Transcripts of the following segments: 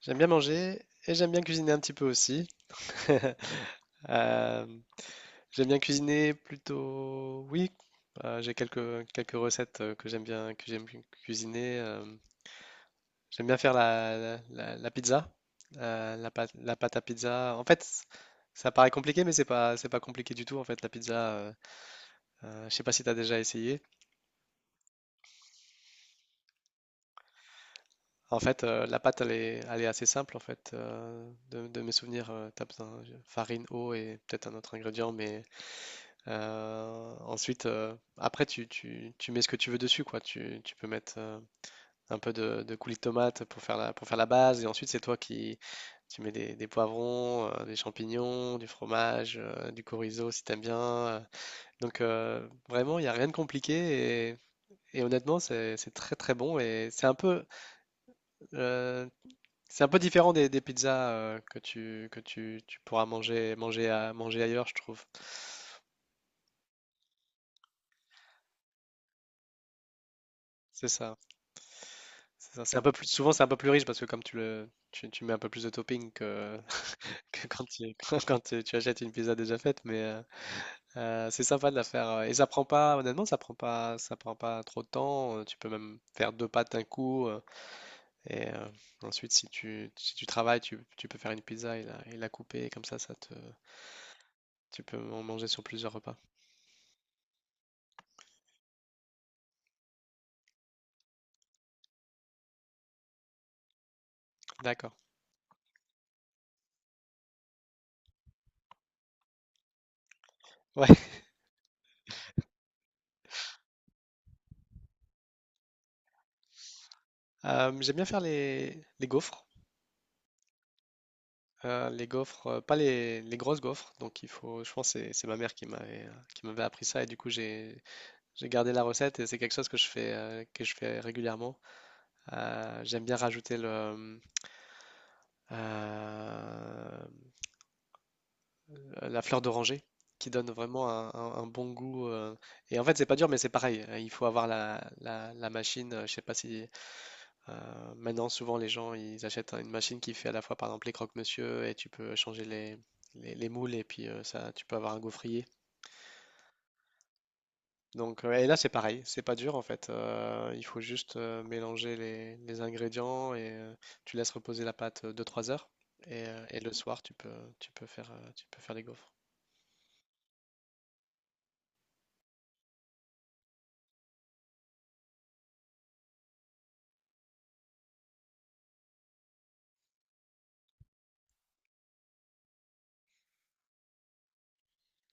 J'aime bien manger et j'aime bien cuisiner un petit peu aussi. Euh, J'aime bien cuisiner plutôt, oui. J'ai quelques recettes que j'aime cuisiner. J'aime bien faire la pizza, la pâte à pizza. En fait, ça paraît compliqué, mais c'est pas compliqué du tout. En fait, la pizza, je sais pas si tu as déjà essayé. En fait, la pâte, elle est assez simple. En fait, de mes souvenirs, tu as besoin de farine, eau et peut-être un autre ingrédient, mais... Ensuite, après, tu mets ce que tu veux dessus, quoi. Tu peux mettre un peu de coulis de tomate pour faire pour faire la base. Et ensuite, c'est toi qui tu mets des poivrons, des champignons, du fromage, du chorizo si t'aimes bien. Donc, vraiment, il n'y a rien de compliqué. Et honnêtement, c'est très très bon. Et euh, c'est un peu différent des pizzas tu pourras manger ailleurs, je trouve. C'est ça. C'est ça, c'est un peu plus, souvent c'est un peu plus riche parce que comme tu mets un peu plus de topping que, que quand tu, quand tu achètes une pizza déjà faite, mais c'est sympa de la faire. Et ça prend pas, honnêtement, ça prend pas trop de temps. Tu peux même faire deux pâtes d'un coup. Et ensuite, si tu travailles, tu peux faire une pizza et et la couper. Et comme ça, tu peux en manger sur plusieurs repas. D'accord. Ouais. J'aime bien faire les gaufres. Les gaufres, pas les grosses gaufres, donc je pense que c'est ma mère qui m'avait appris ça et du coup j'ai gardé la recette et c'est quelque chose que je fais régulièrement. J'aime bien rajouter le euh, la fleur d'oranger qui donne vraiment un bon goût et en fait c'est pas dur mais c'est pareil, il faut avoir la machine, je sais pas si... Maintenant, souvent, les gens, ils achètent une machine qui fait à la fois, par exemple, les croque-monsieur et tu peux changer les moules et puis ça, tu peux avoir un gaufrier. Donc, et là, c'est pareil, c'est pas dur en fait. Il faut juste mélanger les ingrédients et tu laisses reposer la pâte deux-trois heures. Et le soir, tu peux faire les gaufres.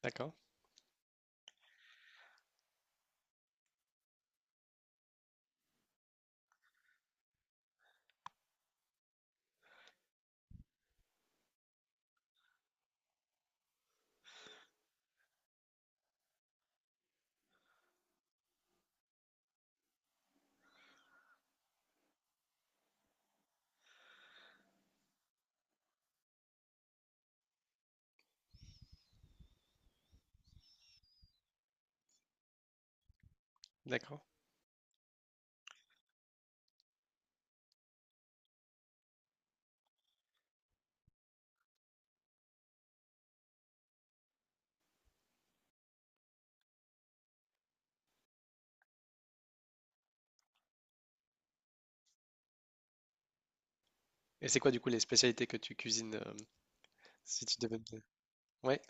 D'accord, d'accord. Et c'est quoi du coup les spécialités que tu cuisines si tu devais... Ouais,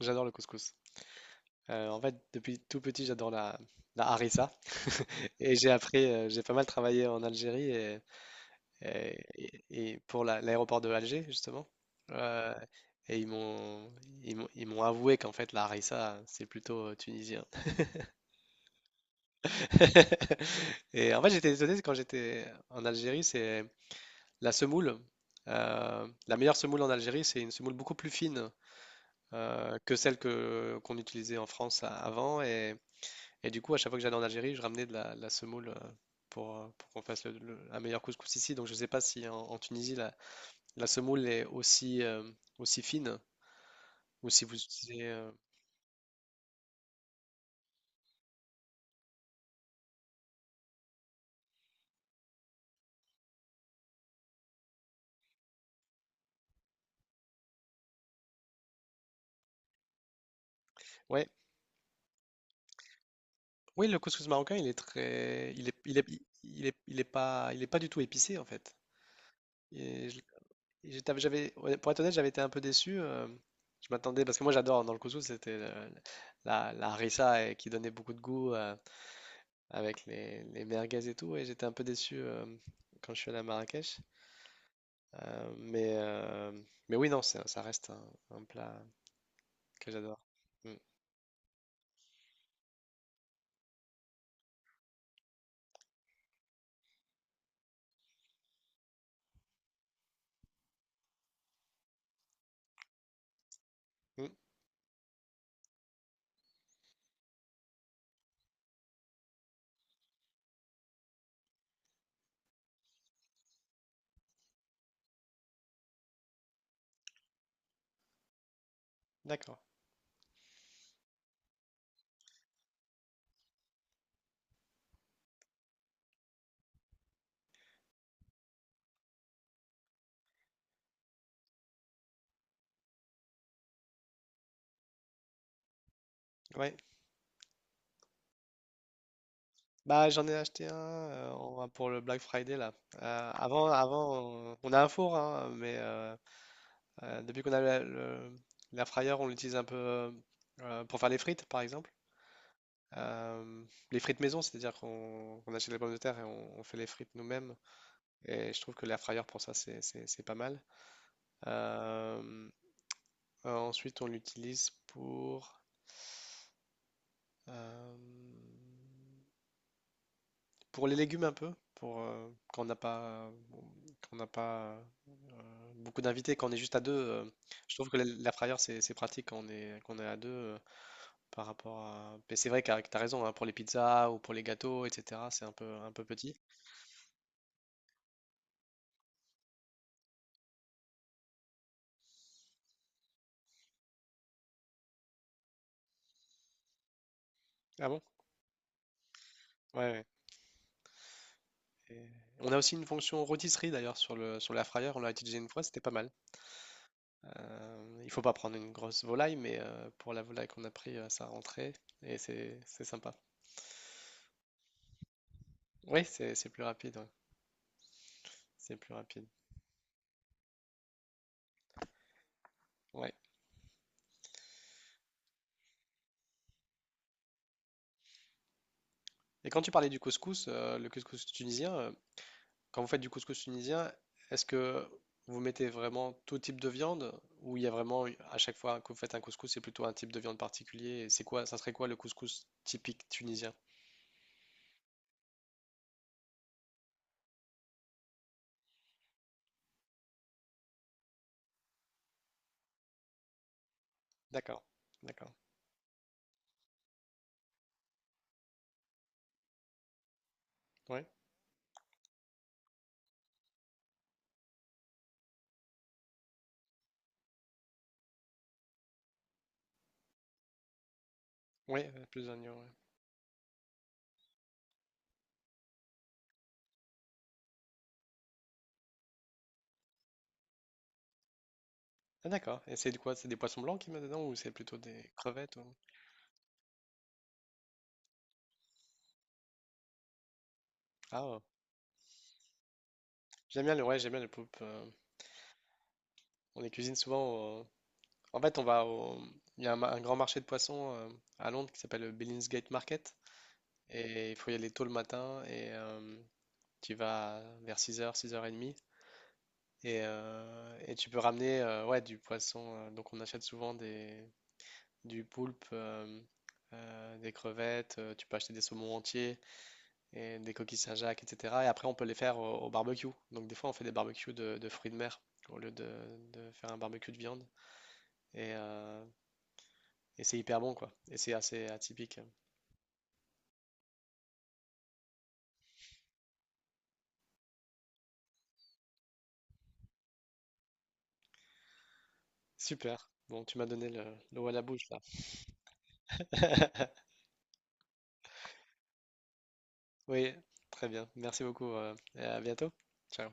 j'adore le couscous. En fait, depuis tout petit, j'adore la harissa. Et j'ai pas mal travaillé en Algérie et pour l'aéroport de Alger, justement. Euh, et ils m'ont avoué qu'en fait, la harissa, c'est plutôt tunisien. Et en fait, j'étais étonné quand j'étais en Algérie, c'est la semoule. La meilleure semoule en Algérie, c'est une semoule beaucoup plus fine que celle que qu'on utilisait en France avant. Et du coup, à chaque fois que j'allais en Algérie, je ramenais de la semoule pour qu'on fasse un meilleur couscous ici. Donc, je ne sais pas si en Tunisie, la semoule est aussi, aussi fine ou si vous utilisez. Ouais. Oui, le couscous marocain, il est pas du tout épicé en fait. Et je- J'avais, ouais, pour être honnête, j'avais été un peu déçu. Je m'attendais parce que moi, j'adore dans le couscous, c'était la harissa et qui donnait beaucoup de goût. Avec les merguez et tout, et j'étais un peu déçu quand je suis allé à Marrakech. Euh, mais, euh, mais oui, non, ça reste un plat que j'adore. Mm. Mm. D'accord. Ouais. Bah, j'en ai acheté un pour le Black Friday là. Euh, avant, avant, on a un four, hein, mais depuis qu'on a l'air fryer, on l'utilise un peu pour faire les frites, par exemple. Euh, les frites maison, c'est-à-dire qu'on achète les pommes de terre et on fait les frites nous-mêmes. Et je trouve que l'air fryer pour ça, c'est pas mal. Euh, Ensuite, on l'utilise euh, pour les légumes un peu, quand on n'a pas beaucoup d'invités, quand on est juste à deux. Je trouve que la l'air fryer, c'est pratique quand on est à deux par rapport à. Mais c'est vrai que tu as raison, hein, pour les pizzas ou pour les gâteaux, etc., c'est un peu petit. Ah bon? Ouais, ouais. Et on a aussi une fonction rôtisserie d'ailleurs sur sur l'air fryer, on l'a utilisé une fois, c'était pas mal. Il faut pas prendre une grosse volaille, mais pour la volaille qu'on a pris, ça rentrait et c'est sympa. Oui, c'est plus rapide. Ouais. C'est plus rapide. Ouais. Et quand tu parlais du couscous, le couscous tunisien, quand vous faites du couscous tunisien, est-ce que vous mettez vraiment tout type de viande ou il y a vraiment à chaque fois que vous faites un couscous, c'est plutôt un type de viande particulier? Et ça serait quoi le couscous typique tunisien? D'accord, d'accord. Ouais, ouais, plus d'oignons. Ouais. Ah, d'accord. Et c'est de quoi? C'est des poissons blancs qui mettent dedans ou c'est plutôt des crevettes Ah, oh. Ouais, j'aime bien les poulpes. On les cuisine souvent. En fait, on va au... Il y a un grand marché de poissons à Londres qui s'appelle le Billingsgate Market. Et il faut y aller tôt le matin et tu y vas vers six heures 30 et demie. Et tu peux ramener ouais, du poisson. Donc on achète souvent du poulpe, des crevettes, tu peux acheter des saumons entiers, et des coquilles Saint-Jacques, etc. Et après on peut les faire au barbecue. Donc des fois on fait des barbecues de fruits de mer au lieu de faire un barbecue de viande. Et, euh, et c'est hyper bon, quoi. Et c'est assez atypique. Super. Bon, tu m'as donné l'eau à la bouche, là. Oui, très bien. Merci beaucoup. Et à bientôt. Ciao.